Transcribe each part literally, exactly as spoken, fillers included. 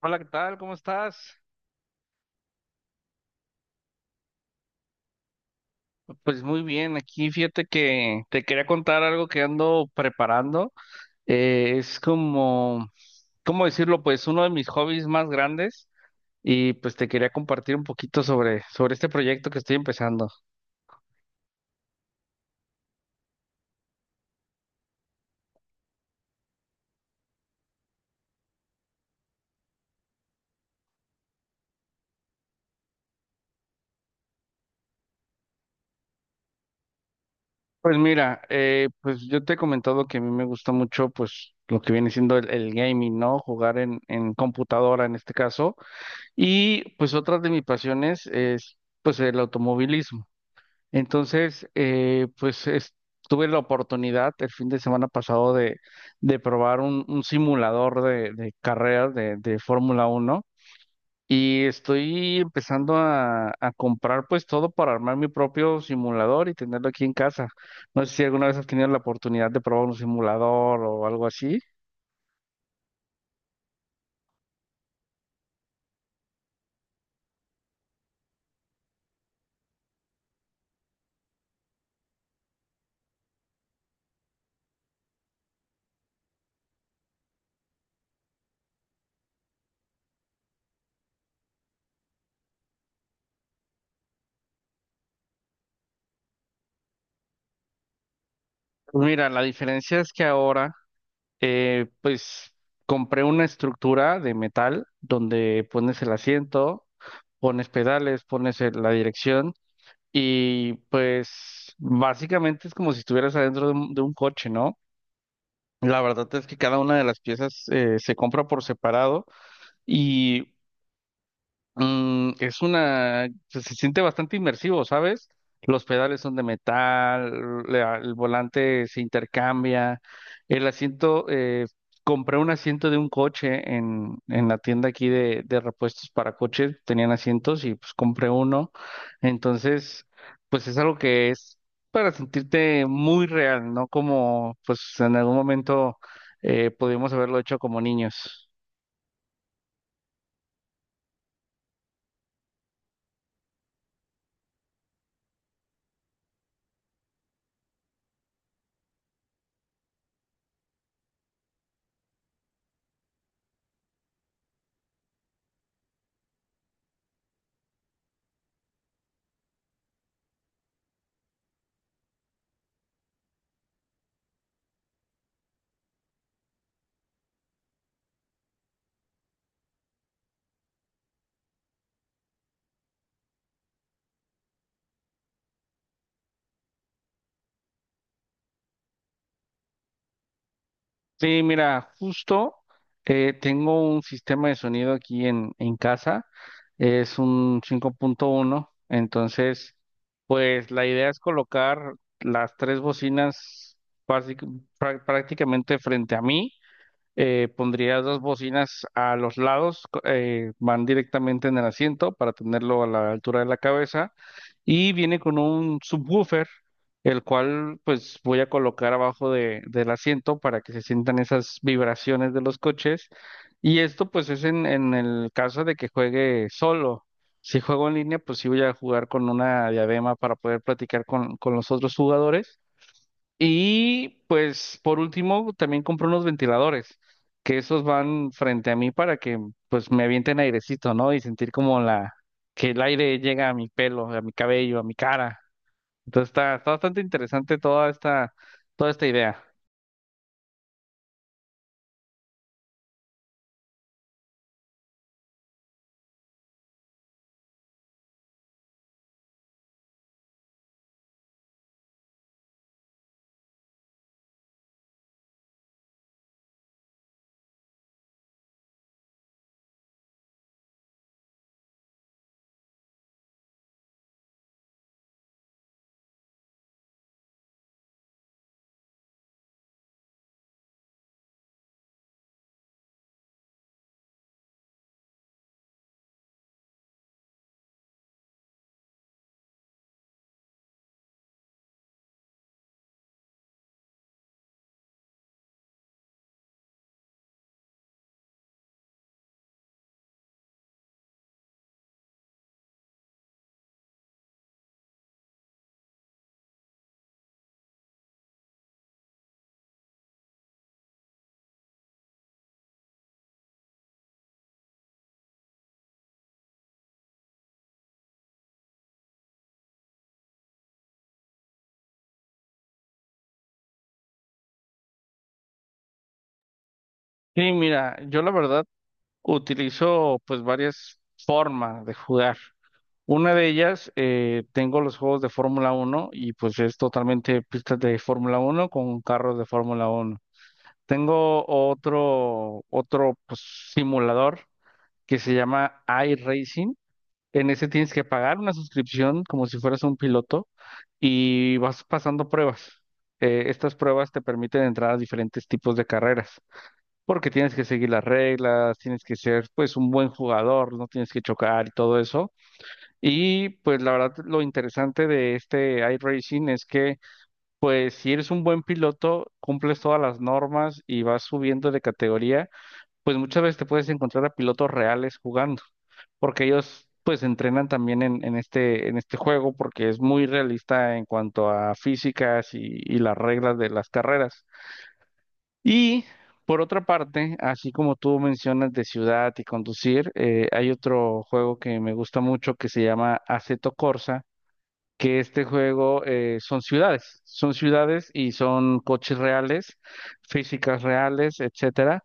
Hola, ¿qué tal? ¿Cómo estás? Pues muy bien, aquí fíjate que te quería contar algo que ando preparando. Eh, es como, ¿cómo decirlo? Pues uno de mis hobbies más grandes y pues te quería compartir un poquito sobre, sobre este proyecto que estoy empezando. Pues mira, eh, pues yo te he comentado que a mí me gusta mucho pues lo que viene siendo el, el gaming, ¿no? Jugar en, en computadora en este caso. Y pues otra de mis pasiones es pues el automovilismo. Entonces, eh, pues es- tuve la oportunidad el fin de semana pasado de, de probar un, un simulador de, de carreras de, de Fórmula Uno, y estoy empezando a, a comprar pues todo para armar mi propio simulador y tenerlo aquí en casa. No sé si alguna vez has tenido la oportunidad de probar un simulador o algo así. Pues mira, la diferencia es que ahora, eh, pues compré una estructura de metal donde pones el asiento, pones pedales, pones el- la dirección y pues básicamente es como si estuvieras adentro de un, de un coche, ¿no? La verdad es que cada una de las piezas eh, se compra por separado y, Mm, es una, se, se siente bastante inmersivo, ¿sabes? Los pedales son de metal, la- el volante se intercambia, el asiento, eh, compré un asiento de un coche en, en la tienda aquí de, de repuestos para coches, tenían asientos y pues compré uno. Entonces pues es algo que es para sentirte muy real, ¿no? Como pues en algún momento eh, pudimos haberlo hecho como niños. Sí, mira, justo eh, tengo un sistema de sonido aquí en, en casa, es un cinco punto uno, entonces pues la idea es colocar las tres bocinas básic- prá- prácticamente frente a mí. eh, pondría dos bocinas a los lados, co- eh, van directamente en el asiento para tenerlo a la altura de la cabeza, y viene con un subwoofer, el cual pues voy a colocar abajo de, del asiento para que se sientan esas vibraciones de los coches, y esto pues es en, en el caso de que juegue solo. Si juego en línea, pues sí voy a jugar con una diadema para poder platicar con, con los otros jugadores. Y pues por último también compré unos ventiladores, que esos van frente a mí para que pues me avienten airecito, ¿no? Y sentir como la que el aire llega a mi pelo, a mi cabello, a mi cara. Entonces está, está bastante interesante toda esta, toda esta idea. Sí, mira, yo la verdad utilizo pues varias formas de jugar. Una de ellas, eh, tengo los juegos de Fórmula uno y pues es totalmente pistas de Fórmula uno con carros de Fórmula uno. Tengo otro, otro pues simulador, que se llama iRacing. En ese tienes que pagar una suscripción como si fueras un piloto y vas pasando pruebas. Eh, estas pruebas te permiten entrar a diferentes tipos de carreras, porque tienes que seguir las reglas, tienes que ser pues un buen jugador, no tienes que chocar y todo eso. Y pues la verdad lo interesante de este iRacing es que, pues si eres un buen piloto, cumples todas las normas y vas subiendo de categoría, pues muchas veces te puedes encontrar a pilotos reales jugando, porque ellos pues entrenan también en, en este, en este, juego, porque es muy realista en cuanto a físicas y, y las reglas de las carreras. Y por otra parte, así como tú mencionas de ciudad y conducir, eh, hay otro juego que me gusta mucho, que se llama Assetto Corsa, que este juego, eh, son ciudades, son ciudades y son coches reales, físicas reales, etcétera,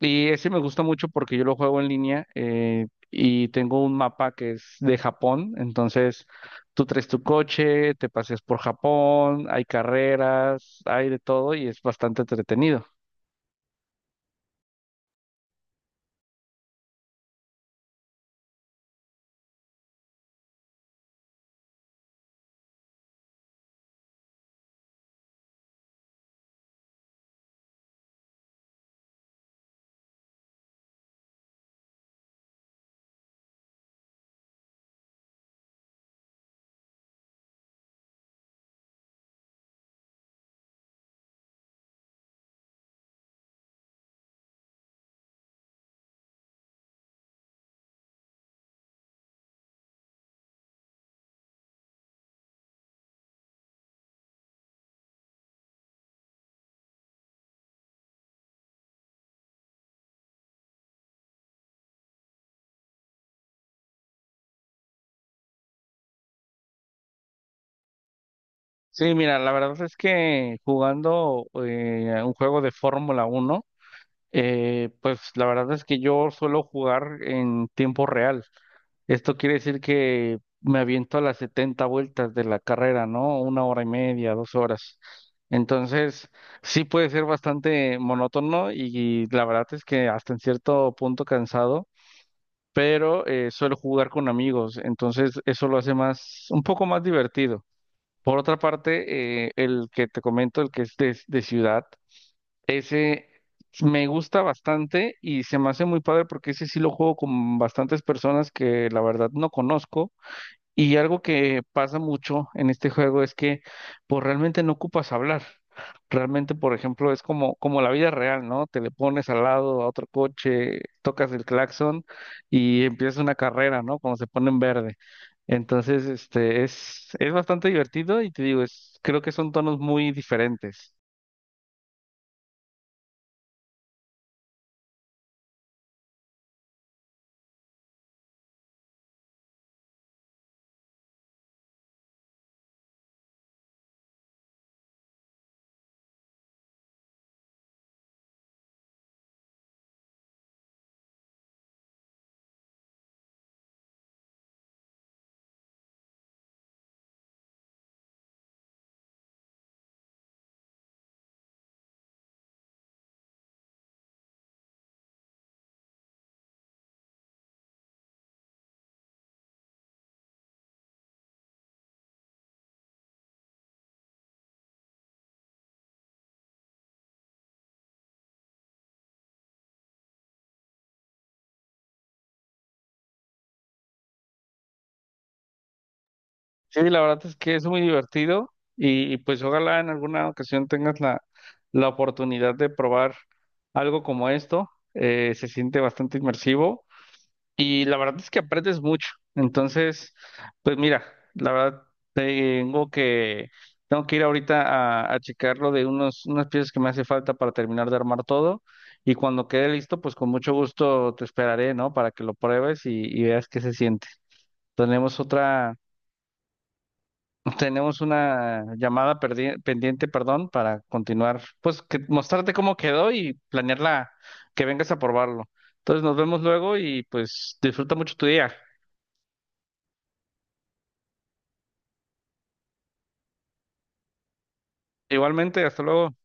y ese me gusta mucho porque yo lo juego en línea, eh, y tengo un mapa que es de Japón. Entonces, tú traes tu coche, te paseas por Japón, hay carreras, hay de todo, y es bastante entretenido. Sí, mira, la verdad es que jugando eh, un juego de Fórmula Uno, eh, pues la verdad es que yo suelo jugar en tiempo real. Esto quiere decir que me aviento a las setenta vueltas de la carrera, ¿no? Una hora y media, dos horas. Entonces, sí puede ser bastante monótono y, la verdad es que hasta en cierto punto cansado, pero eh, suelo jugar con amigos, entonces eso lo hace más, un poco más divertido. Por otra parte, eh, el que te comento, el que es de, de ciudad, ese me gusta bastante y se me hace muy padre porque ese sí lo juego con bastantes personas que la verdad no conozco, y algo que pasa mucho en este juego es que pues realmente no ocupas hablar. Realmente, por ejemplo, es como, como, la vida real, ¿no? Te le pones al lado a otro coche, tocas el claxon y empieza una carrera, ¿no? Cuando se pone en verde. Entonces, este, es, es bastante divertido y te digo, es, creo que son tonos muy diferentes. Sí, la verdad es que es muy divertido, y, y pues ojalá en alguna ocasión tengas la, la oportunidad de probar algo como esto. Eh, se siente bastante inmersivo y la verdad es que aprendes mucho. Entonces, pues mira, la verdad tengo que, tengo que ir ahorita a, a checar lo de unos, unas piezas que me hace falta para terminar de armar todo, y cuando quede listo, pues con mucho gusto te esperaré, ¿no? Para que lo pruebes y, y veas qué se siente. Tenemos otra tenemos una llamada perdi- pendiente, perdón, para continuar, pues que, mostrarte cómo quedó y planearla, que vengas a probarlo. Entonces nos vemos luego y pues disfruta mucho tu día. Igualmente, hasta luego.